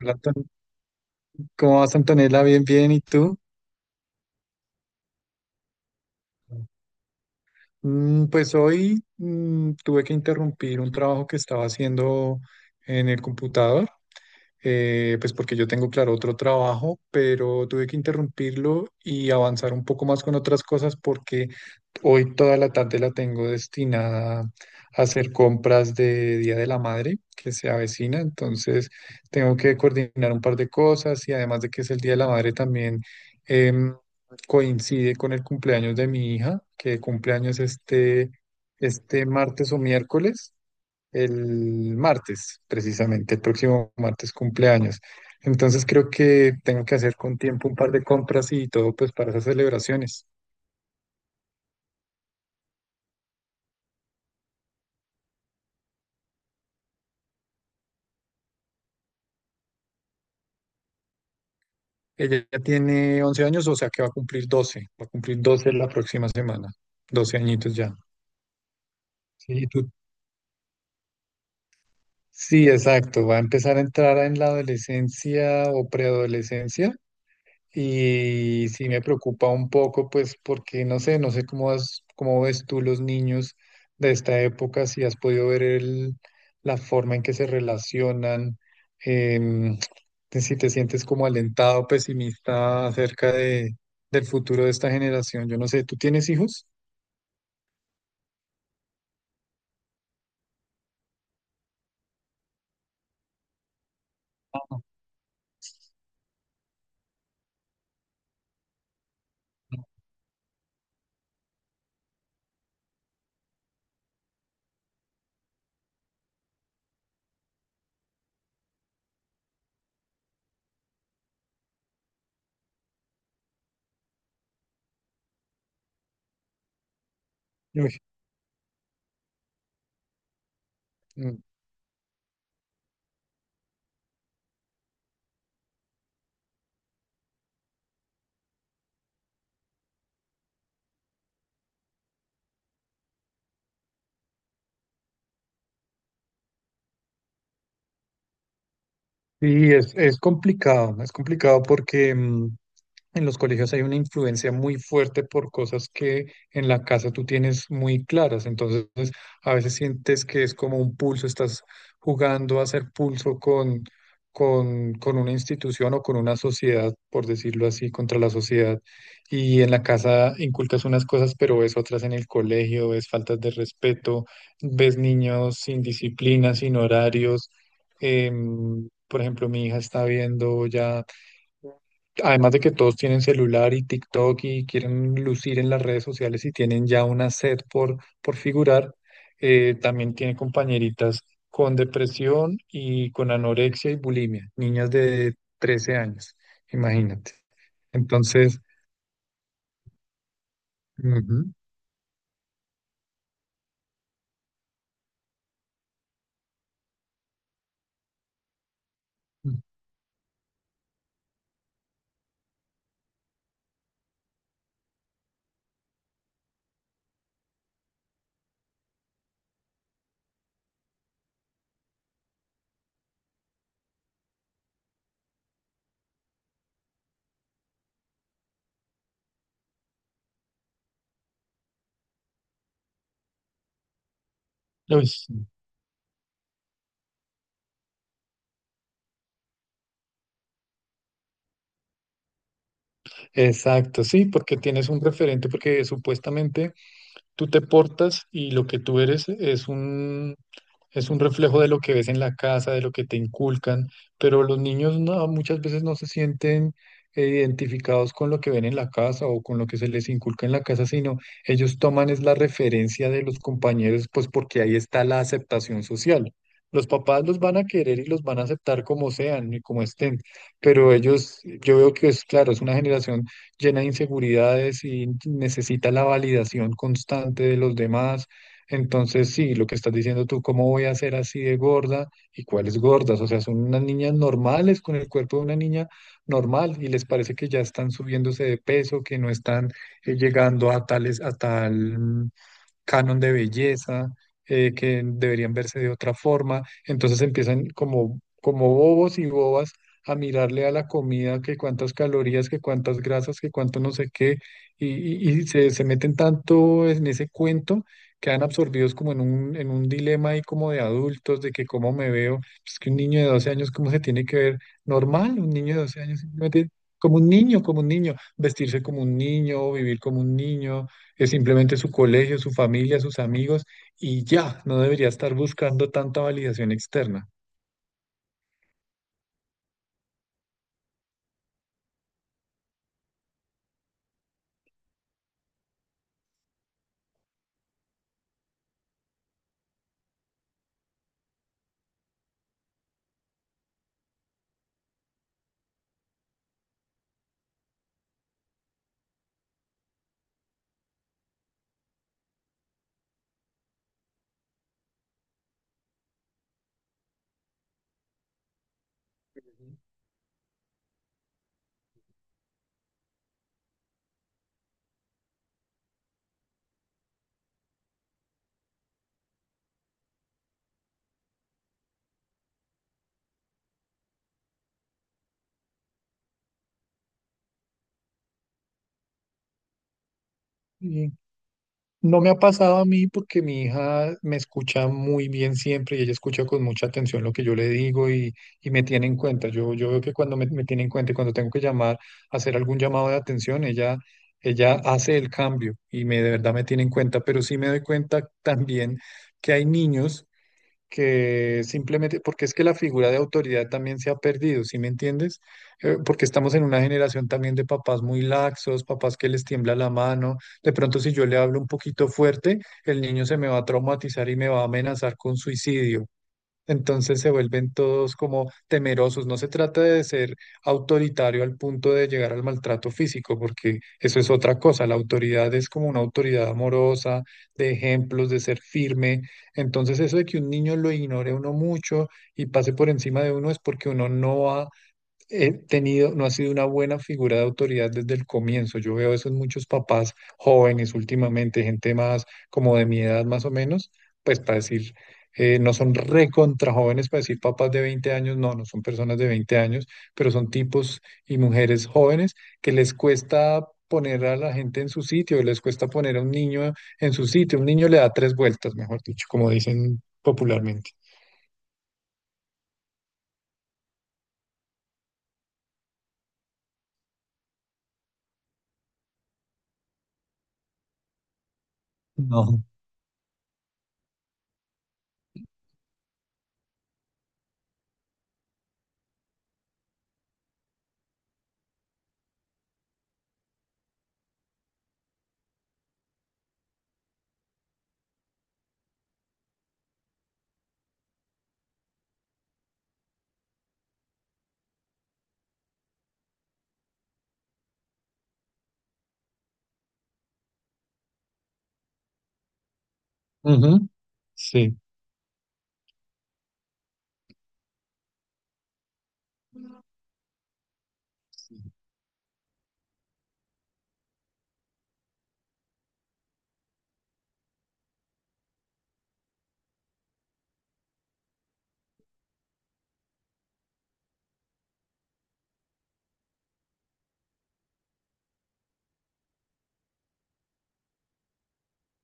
Hola, ¿cómo vas, Antonella? Bien, bien. ¿Y tú? Pues hoy, tuve que interrumpir un trabajo que estaba haciendo en el computador, pues porque yo tengo, claro, otro trabajo, pero tuve que interrumpirlo y avanzar un poco más con otras cosas porque hoy toda la tarde la tengo destinada a hacer compras de Día de la Madre que se avecina. Entonces tengo que coordinar un par de cosas, y además de que es el Día de la Madre también, em, coincide con el cumpleaños de mi hija, que cumpleaños este martes o miércoles, el martes, precisamente, el próximo martes cumpleaños. Entonces creo que tengo que hacer con tiempo un par de compras y todo, pues para esas celebraciones. Ella ya tiene 11 años, o sea que va a cumplir 12, va a cumplir 12 la próxima semana, 12 añitos ya. Sí, sí, exacto, va a empezar a entrar en la adolescencia o preadolescencia. Y sí me preocupa un poco, pues porque no sé, no sé cómo cómo ves tú los niños de esta época, si has podido ver la forma en que se relacionan, em, si te sientes como alentado, pesimista acerca del futuro de esta generación. Yo no sé, ¿tú tienes hijos? No. Uy, mm. Sí, es complicado, es complicado porque, en los colegios hay una influencia muy fuerte por cosas que en la casa tú tienes muy claras. Entonces, a veces sientes que es como un pulso, estás jugando a hacer pulso con, una institución o con una sociedad, por decirlo así, contra la sociedad. Y en la casa inculcas unas cosas, pero ves otras en el colegio, ves faltas de respeto, ves niños sin disciplina, sin horarios. Por ejemplo, mi hija está viendo ya. Además de que todos tienen celular y TikTok y quieren lucir en las redes sociales y tienen ya una sed por figurar, también tiene compañeritas con depresión y con anorexia y bulimia, niñas de 13 años, imagínate. Entonces, ujú, uy, sí, exacto, sí, porque tienes un referente, porque supuestamente tú te portas y lo que tú eres es un reflejo de lo que ves en la casa, de lo que te inculcan, pero los niños muchas veces no se sienten, identificados con lo que ven en la casa o con lo que se les inculca en la casa, sino ellos toman es la referencia de los compañeros, pues porque ahí está la aceptación social. Los papás los van a querer y los van a aceptar como sean y como estén, pero ellos, yo veo que es claro, es una generación llena de inseguridades y necesita la validación constante de los demás. Entonces, sí, lo que estás diciendo tú, ¿cómo voy a ser así de gorda? ¿Y cuáles gordas? O sea, son unas niñas normales con el cuerpo de una niña normal y les parece que ya están subiéndose de peso, que no están, llegando a tales, a tal canon de belleza, que deberían verse de otra forma. Entonces empiezan como, como bobos y bobas a mirarle a la comida, que cuántas calorías, que cuántas grasas, que cuánto no sé qué, y se meten tanto en ese cuento, que quedan absorbidos como en un dilema ahí como de adultos, de que cómo me veo. Pues que un niño de 12 años, ¿cómo se tiene que ver? Normal, un niño de 12 años, simplemente como un niño, vestirse como un niño, vivir como un niño, es simplemente su colegio, su familia, sus amigos y ya, no debería estar buscando tanta validación externa. Y no me ha pasado a mí porque mi hija me escucha muy bien siempre y ella escucha con mucha atención lo que yo le digo, y me tiene en cuenta. Yo veo que cuando me tiene en cuenta, y cuando tengo que llamar, hacer algún llamado de atención, ella hace el cambio y de verdad me tiene en cuenta. Pero sí me doy cuenta también que hay niños que simplemente, porque es que la figura de autoridad también se ha perdido, ¿sí me entiendes? Porque estamos en una generación también de papás muy laxos, papás que les tiembla la mano, de pronto si yo le hablo un poquito fuerte, el niño se me va a traumatizar y me va a amenazar con suicidio. Entonces se vuelven todos como temerosos. No se trata de ser autoritario al punto de llegar al maltrato físico, porque eso es otra cosa. La autoridad es como una autoridad amorosa, de ejemplos, de ser firme. Entonces eso de que un niño lo ignore a uno mucho y pase por encima de uno es porque uno no ha he tenido, no ha sido una buena figura de autoridad desde el comienzo. Yo veo eso en muchos papás jóvenes últimamente, gente más como de mi edad más o menos, pues para decir, no son recontra jóvenes, para decir papás de 20 años, no, no son personas de 20 años, pero son tipos y mujeres jóvenes que les cuesta poner a la gente en su sitio, les cuesta poner a un niño en su sitio, un niño le da tres vueltas, mejor dicho, como dicen popularmente. No. Ujú, sí.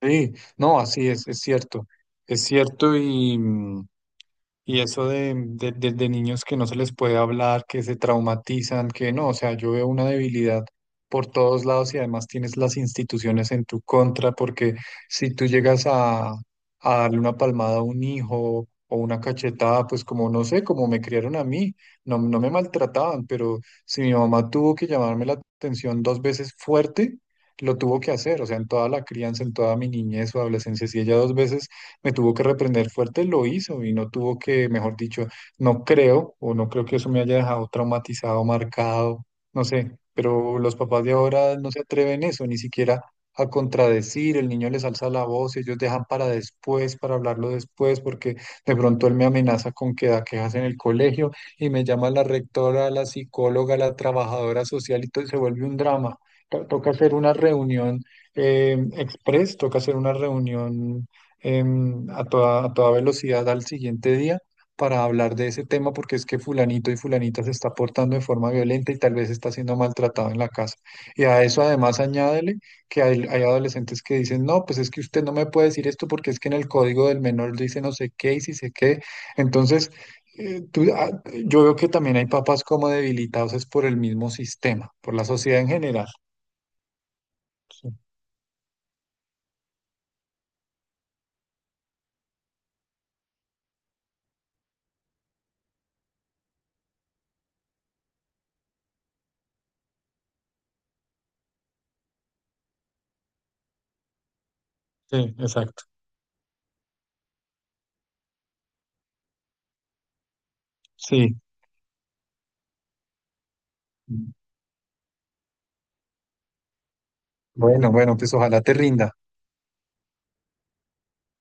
Sí, no, así es cierto y, mm, y eso de niños que no se les puede hablar, que se traumatizan, que no, o sea, yo veo una debilidad por todos lados, y además tienes las instituciones en tu contra, porque si tú llegas a, darle una palmada a un hijo o una cachetada, pues como no sé, como me criaron a mí, no, no me maltrataban, pero si mi mamá tuvo que llamarme la atención dos veces fuerte, lo tuvo que hacer, o sea, en toda la crianza, en toda mi niñez o adolescencia, si ella dos veces me tuvo que reprender fuerte, lo hizo y no tuvo que, mejor dicho, no creo que eso me haya dejado traumatizado, marcado, no sé, pero los papás de ahora no se atreven eso, ni siquiera a contradecir, el niño les alza la voz, ellos dejan para después, para hablarlo después, porque de pronto él me amenaza con que da quejas en el colegio y me llama la rectora, la psicóloga, la trabajadora social y todo, y se vuelve un drama. Toca hacer una reunión, express, toca hacer una reunión, a toda velocidad al siguiente día para hablar de ese tema porque es que fulanito y fulanita se está portando de forma violenta y tal vez está siendo maltratado en la casa. Y a eso además añádele que hay adolescentes que dicen, no, pues es que usted no me puede decir esto porque es que en el código del menor dice no sé qué y si sé qué. Entonces, eh, tú- ah, yo veo que también hay papás como debilitados es por el mismo sistema, por la sociedad en general. Sí, sí, exacto. Sí. Bueno, bueno, pues ojalá te rinda.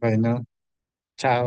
Bueno. Chao.